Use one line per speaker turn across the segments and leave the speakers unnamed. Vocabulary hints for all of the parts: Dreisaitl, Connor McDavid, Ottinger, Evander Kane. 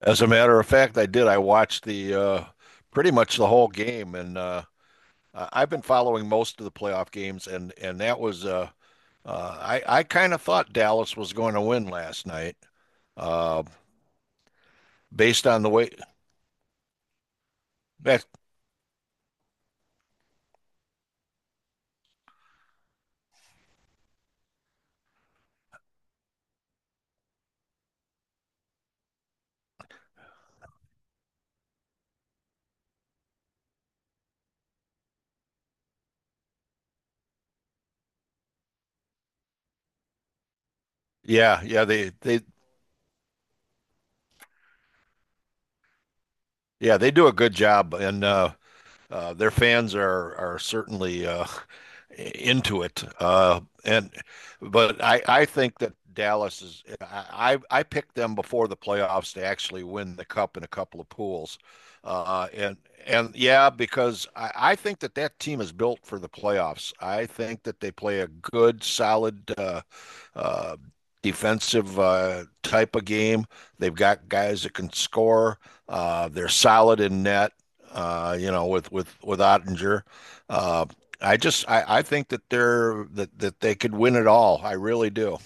As a matter of fact, I did. I watched the pretty much the whole game, and I've been following most of the playoff games, and that was I kind of thought Dallas was going to win last night, uh, based on the way that. Yeah, yeah, they yeah, they do a good job, and their fans are certainly into it. And but I think that Dallas is I picked them before the playoffs to actually win the cup in a couple of pools, uh, and and yeah, because I think that that team is built for the playoffs. I think that they play a good solid. Uh, Defensive type of game. They've got guys that can score. They're solid in net. You know, with with Ottinger. Uh, I think that they're that that they could win it all. I really do.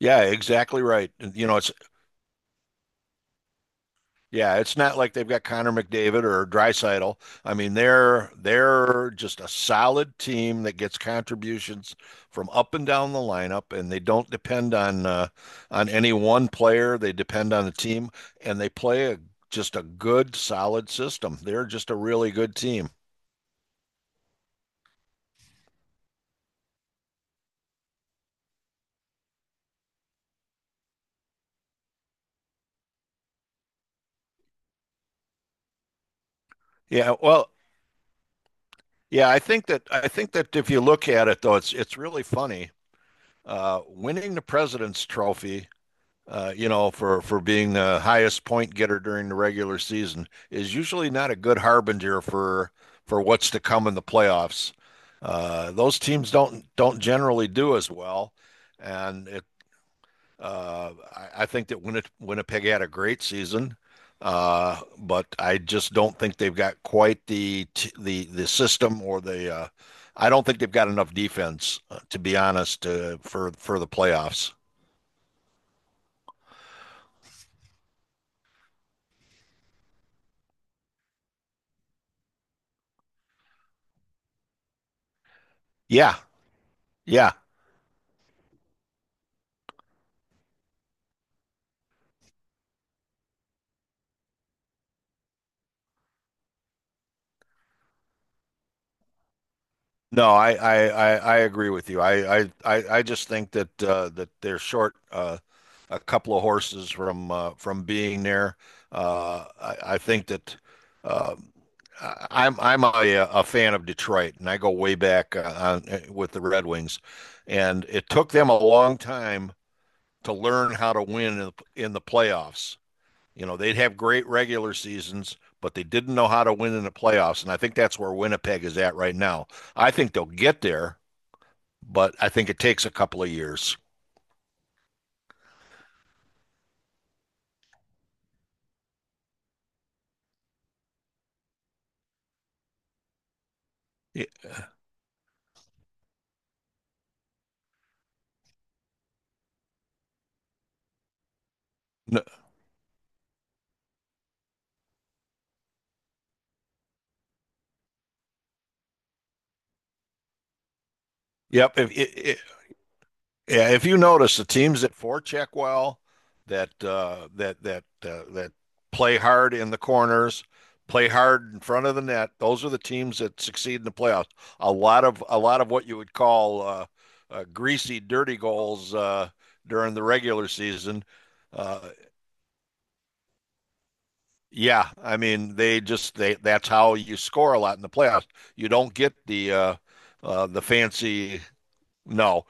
Yeah, exactly right. You know, it's Yeah, it's not like they've got Connor McDavid or Dreisaitl. I mean, they're just a solid team that gets contributions from up and down the lineup, and they don't depend on any one player. They depend on the team, and they play just a good, solid system. They're just a really good team. Yeah, well, yeah, I think that if you look at it though, it's really funny. Winning the President's Trophy you know, for being the highest point getter during the regular season is usually not a good harbinger for what's to come in the playoffs. Those teams don't generally do as well, and I think that Winnipeg had a great season, but I just don't think they've got quite the system or the. I don't think they've got enough defense, to be honest, for the playoffs. Yeah, yeah. No, I agree with you. I just think that that they're short a couple of horses from being there. I think that uh, I'm a fan of Detroit, and I go way back with the Red Wings, and it took them a long time to learn how to win in in the playoffs. You know, they'd have great regular seasons, but they didn't know how to win in the playoffs. And I think that's where Winnipeg is at right now. I think they'll get there, but I think it takes a couple of years. Yep. If, Yeah, if you notice, the teams that forecheck well, that that play hard in the corners, play hard in front of the net, those are the teams that succeed in the playoffs. A lot of what you would call greasy, dirty goals during the regular season. Uh, yeah, I mean they just they that's how you score a lot in the playoffs. You don't get the fancy no.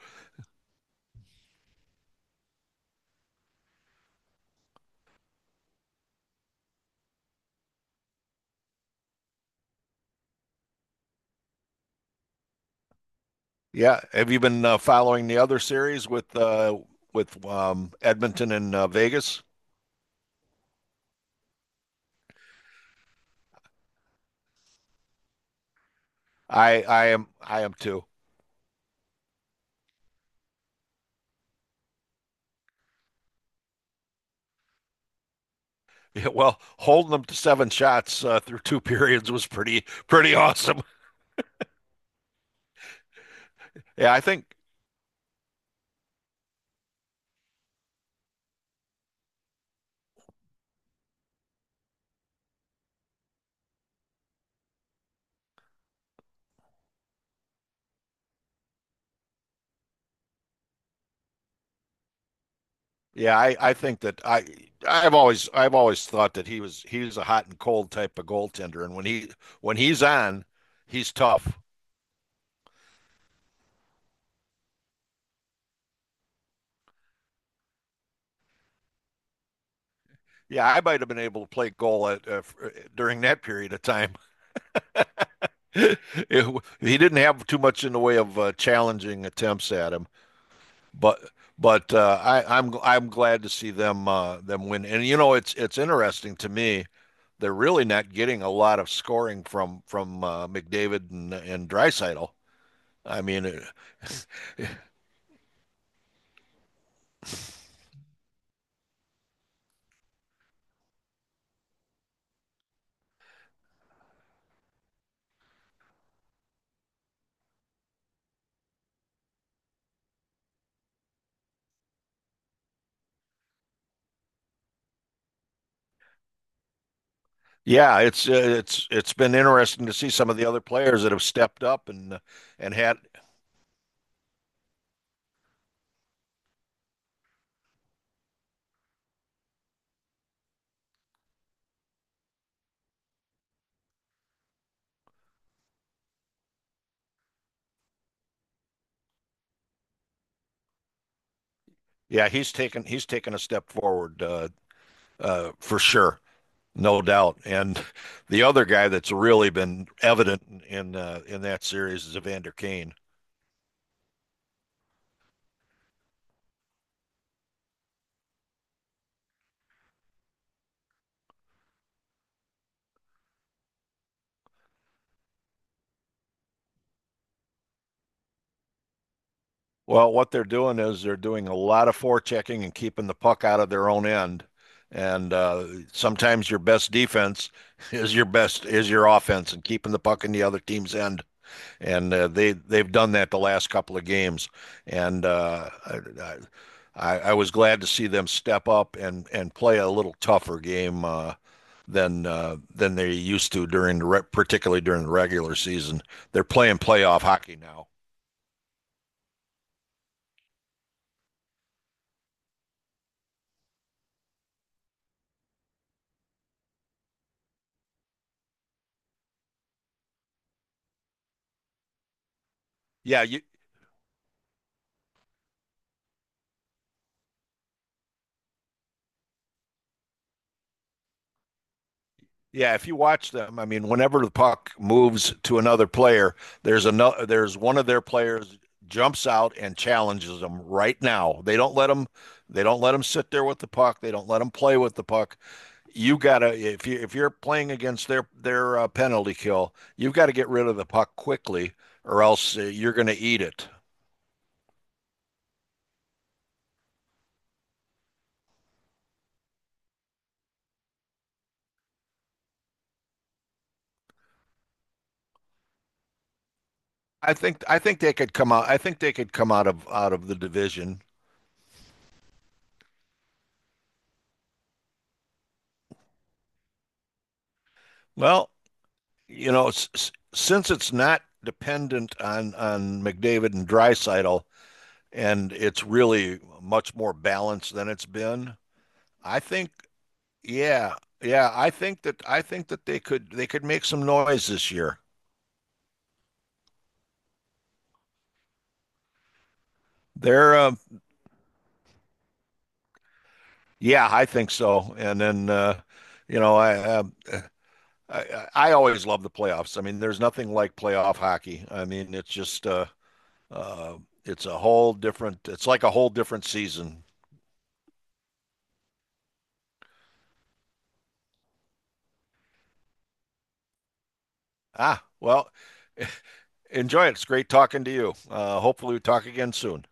Yeah. Have you been following the other series with Edmonton and Vegas? I am too. Yeah, well, holding them to 7 shots through two periods was pretty awesome. Yeah, I think. Yeah, I think that I've always thought that he's a hot and cold type of goaltender, and when he's on, he's tough. Yeah, I might have been able to play goal at, during that period of time. He didn't have too much in the way of challenging attempts at him, but but I'm glad to see them them win. And you know, it's interesting to me. They're really not getting a lot of scoring from McDavid and Dreisaitl. I mean, it, yeah, it's it's been interesting to see some of the other players that have stepped up and had yeah, he's taken a step forward for sure. No doubt. And the other guy that's really been evident in that series is Evander Kane. Well, what they're doing is they're doing a lot of forechecking and keeping the puck out of their own end. And sometimes your best defense is your best is your offense and keeping the puck in the other team's end. And they they've done that the last couple of games. And I was glad to see them step up and play a little tougher game than they used to during particularly during the regular season. They're playing playoff hockey now. Yeah, you yeah. If you watch them, I mean, whenever the puck moves to another player, there's one of their players jumps out and challenges them right now. They don't let them sit there with the puck. They don't let them play with the puck. You gotta if you if you're playing against their penalty kill, you've got to get rid of the puck quickly, or else you're going to eat it. I think they could come out. I think they could come out of the division. Well, you know, since it's not dependent on McDavid and Drysaitel, and it's really much more balanced than it's been. I think, yeah, yeah, I think that they could make some noise this year. They're, yeah, I think so. And then, you know, I, uh, I I always love the playoffs. I mean, there's nothing like playoff hockey. I mean, it's just. Uh, it's a whole different, it's like a whole different season. Ah, well, enjoy it. It's great talking to you. Hopefully, we talk again soon.